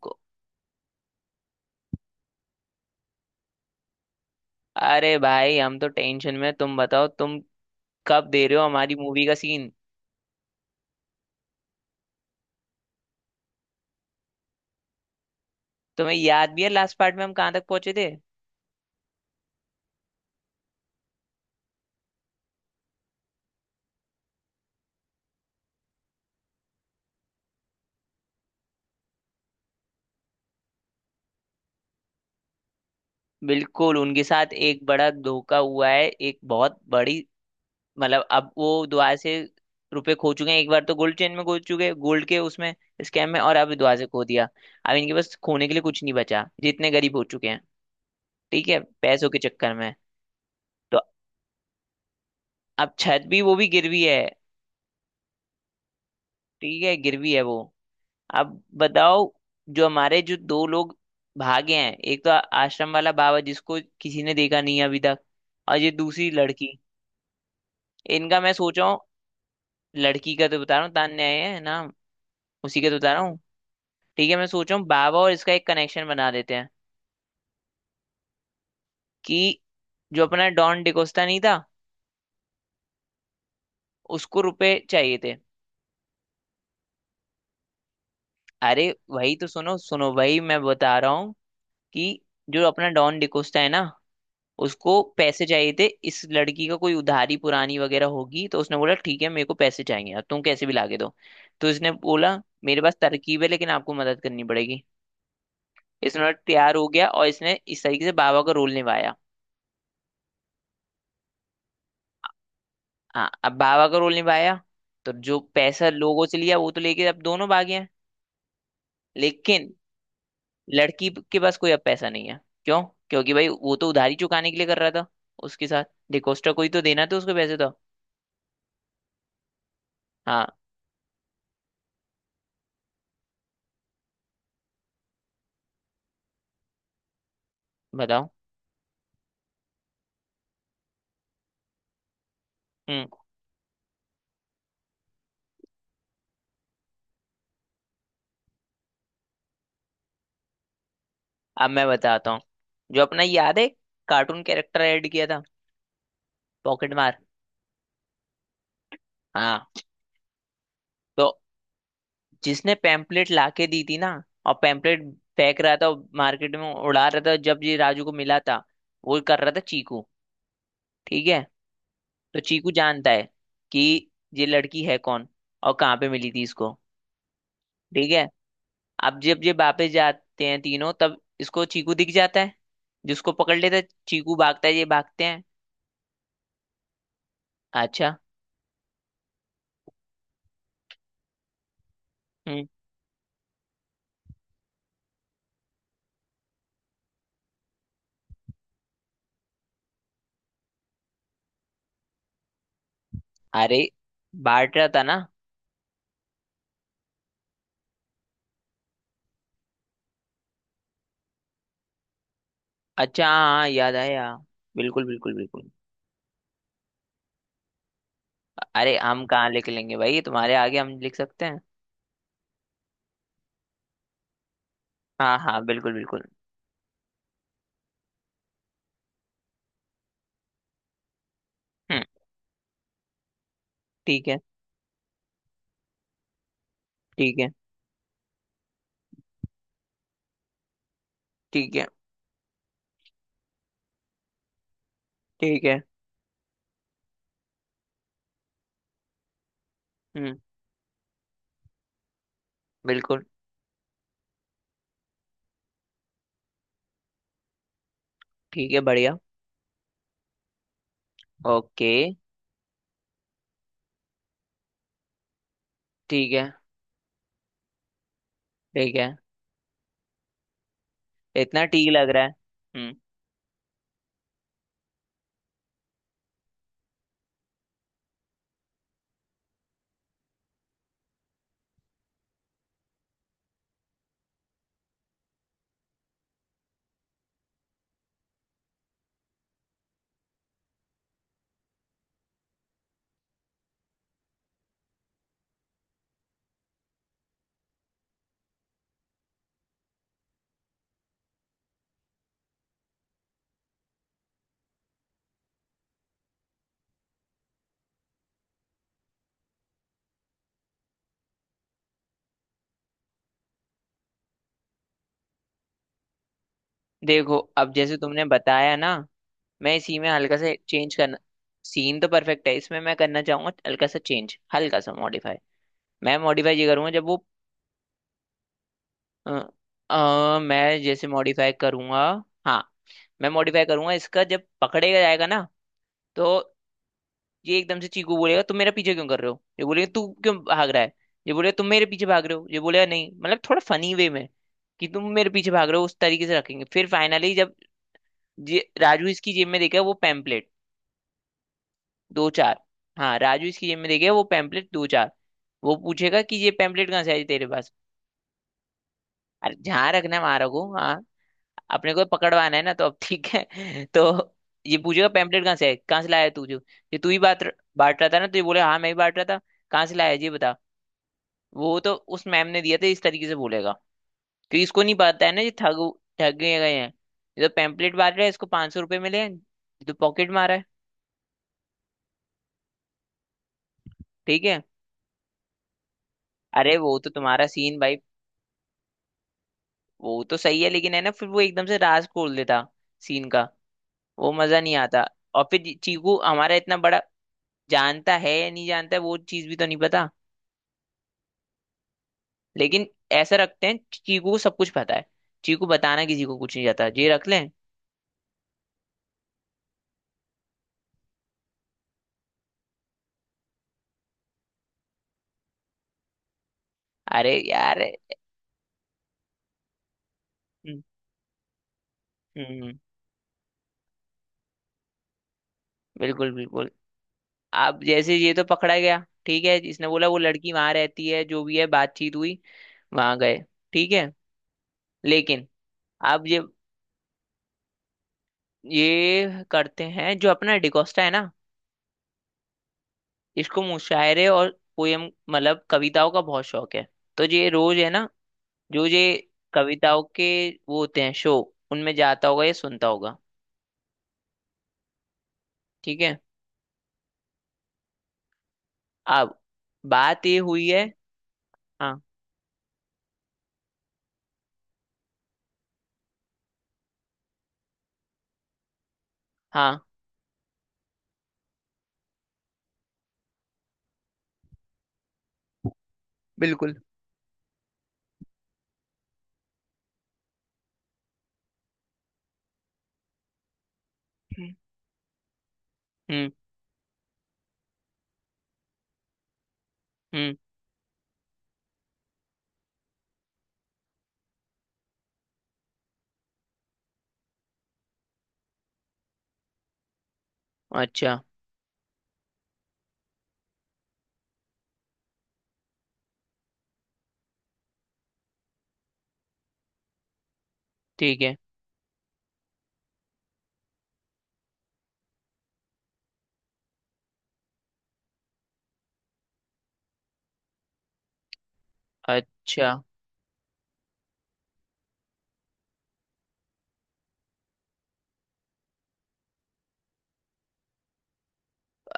को- अरे भाई, हम तो टेंशन में। तुम बताओ, तुम कब दे रहे हो हमारी मूवी का सीन। तुम्हें याद भी है लास्ट पार्ट में हम कहाँ तक पहुंचे थे। बिल्कुल, उनके साथ एक बड़ा धोखा हुआ है, एक बहुत बड़ी, मतलब अब वो दुआ से रुपए खो चुके हैं। एक बार तो गोल्ड चेन में खो चुके, गोल्ड के उसमें स्कैम में, और अब दुआ से खो दिया। अब इनके पास खोने के लिए कुछ नहीं बचा, जितने गरीब हो चुके हैं। ठीक है, पैसों के चक्कर में। तो अब छत भी, वो भी गिरवी है। ठीक है, गिरवी है वो। अब बताओ, जो हमारे जो दो लोग भागे हैं, एक तो आश्रम वाला बाबा जिसको किसी ने देखा नहीं है अभी तक, और ये दूसरी लड़की। इनका मैं सोच रहा हूँ। लड़की का तो बता रहा हूँ, तान्या है ना। उसी का तो बता रहा हूँ। ठीक है, मैं सोच रहा हूँ बाबा और इसका एक कनेक्शन बना देते हैं कि जो अपना डॉन डिकोस्टा नहीं था, उसको रुपए चाहिए थे। अरे, वही तो, सुनो सुनो, वही मैं बता रहा हूँ कि जो अपना डॉन डिकोस्टा है ना, उसको पैसे चाहिए थे। इस लड़की का कोई उधारी पुरानी वगैरह होगी, तो उसने बोला ठीक है मेरे को पैसे चाहिए, अब तुम कैसे भी लाके दो। तो इसने बोला, मेरे पास तरकीब है लेकिन आपको मदद करनी पड़ेगी। इसने बोला तैयार हो गया, और इसने इस तरीके से बाबा का रोल निभाया। हाँ, अब बाबा का रोल निभाया, तो जो पैसा लोगों से लिया वो तो लेके अब दोनों भागे हैं। लेकिन लड़की के पास कोई अब पैसा नहीं है। क्यों? क्योंकि भाई वो तो उधारी चुकाने के लिए कर रहा था उसके साथ। डिकोस्टा, कोई तो देना था उसको पैसे तो। हाँ, बताओ। हम्म। अब मैं बताता हूँ, जो अपना याद है, कार्टून कैरेक्टर ऐड किया था, पॉकेट मार। हाँ। तो जिसने पैम्पलेट लाके दी थी ना, और पैम्पलेट फेंक रहा था, मार्केट में उड़ा रहा था, जब ये राजू को मिला था, वो कर रहा था चीकू। ठीक है। तो चीकू जानता है कि ये लड़की है कौन और कहाँ पे मिली थी इसको। ठीक है। अब जब ये वापस जाते हैं तीनों, तब इसको चीकू दिख जाता है, जिसको पकड़ लेता है, चीकू भागता है, ये भागते हैं। अच्छा। हम्म। अरे, बांट रहा था ना। अच्छा, हाँ याद आया। बिल्कुल, बिल्कुल, बिल्कुल। अरे, हम कहाँ लिख लेंगे भाई, तुम्हारे आगे हम लिख सकते हैं। हाँ, हाँ, बिल्कुल, बिल्कुल। हम्म। ठीक है, ठीक है, ठीक है, ठीक है। हम्म। बिल्कुल। ठीक है, बढ़िया। ओके। ठीक है। ठीक है, इतना ठीक लग रहा है। हम्म। देखो, अब जैसे तुमने बताया ना, मैं इसी में हल्का सा चेंज करना। सीन तो परफेक्ट है, इसमें मैं करना चाहूंगा हल्का सा चेंज, हल्का सा मॉडिफाई। मैं मॉडिफाई ये करूंगा जब वो, अ, मैं जैसे मॉडिफाई करूंगा। हाँ। मैं मॉडिफाई करूंगा इसका, जब पकड़ेगा जाएगा ना, तो ये एकदम से चीकू बोलेगा तुम मेरा पीछे क्यों कर रहे हो, ये बोलेगा तू क्यों भाग रहा है, ये बोलेगा तुम मेरे पीछे भाग रहे हो, ये बोलेगा नहीं, मतलब थोड़ा फनी वे में कि तुम मेरे पीछे भाग रहे हो, उस तरीके से रखेंगे। फिर फाइनली जब राजू इसकी जेब में देखेगा वो पैम्पलेट दो चार। हाँ, राजू इसकी जेब में देखेगा वो पैम्पलेट दो चार, वो पूछेगा कि ये पैम्पलेट कहाँ से आई तेरे पास। अरे, जहाँ रखना है वहां रखो, हाँ। अपने को पकड़वाना है ना, तो अब ठीक है। तो ये पूछेगा पैम्पलेट कहाँ से है, कहाँ से लाया है तू, जो ये तू ही बात बांट रहा था ना, तो ये बोले हाँ मैं ही बांट रहा था, कहाँ से लाया है जी बता। वो तो उस मैम ने दिया था इस तरीके से बोलेगा, क्योंकि इसको नहीं पता है ना, ये ठग ठग गए गए हैं। ये तो पैम्पलेट बांट रहा है, इसको 500 रुपये मिले हैं, ये तो पॉकेट मारा है। ठीक है। अरे, वो तो तुम्हारा सीन भाई, वो तो सही है, लेकिन है ना फिर वो एकदम से राज खोल देता, सीन का वो मजा नहीं आता। और फिर चीकू हमारा इतना बड़ा, जानता है या नहीं जानता है वो चीज भी तो नहीं पता। लेकिन ऐसा रखते हैं चीकू को सब कुछ पता है, चीकू बताना किसी को कुछ नहीं जाता, ये रख लें। अरे यार। हम्म। हम्म। बिल्कुल, बिल्कुल। अब जैसे ये तो पकड़ा गया, ठीक है, इसने बोला वो लड़की वहां रहती है, जो भी है बातचीत हुई, वहां गए। ठीक है, लेकिन अब ये करते हैं, जो अपना डिकोस्टा है ना, इसको मुशायरे और पोयम, मतलब कविताओं का बहुत शौक है। तो ये रोज है ना, जो ये कविताओं के वो होते हैं शो, उनमें जाता होगा या सुनता होगा। ठीक है, अब बात ये हुई है। हाँ, हाँ, बिल्कुल। हम्म। हम्म। हम्म। अच्छा। ठीक है। अच्छा।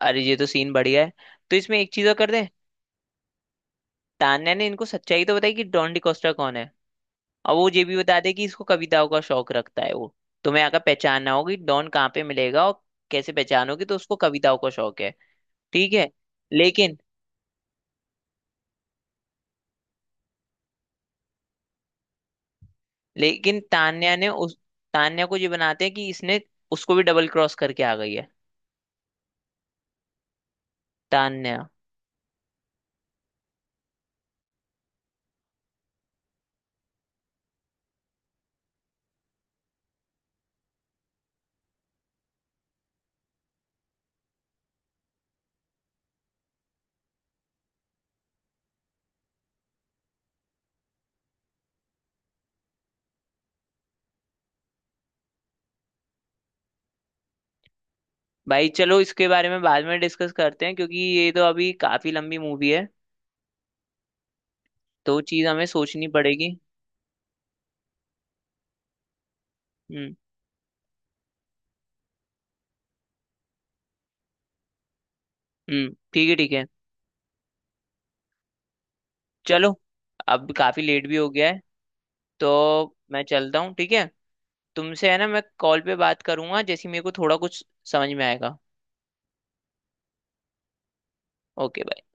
अरे, ये तो सीन बढ़िया है, तो इसमें एक चीज और कर दे। तान्या ने इनको सच्चाई तो बताई कि डॉन डिकोस्टा कौन है, और वो ये भी बता दे कि इसको कविताओं का शौक रखता है वो। तुम्हें आकर पहचानना होगी डॉन कहाँ पे मिलेगा, और कैसे पहचानोगी, तो उसको कविताओं का शौक है। ठीक है। लेकिन लेकिन तान्या ने उस तान्या को ये बनाते हैं कि इसने उसको भी डबल क्रॉस करके आ गई है। तान्या। भाई चलो, इसके बारे में बाद में डिस्कस करते हैं, क्योंकि ये तो अभी काफी लंबी मूवी है, तो चीज हमें सोचनी पड़ेगी। हम्म। हम्म। ठीक है, ठीक है। चलो, अब काफी लेट भी हो गया है, तो मैं चलता हूँ, ठीक है। तुमसे है ना, मैं कॉल पे बात करूंगा जैसे ही मेरे को थोड़ा कुछ समझ में आएगा। ओके।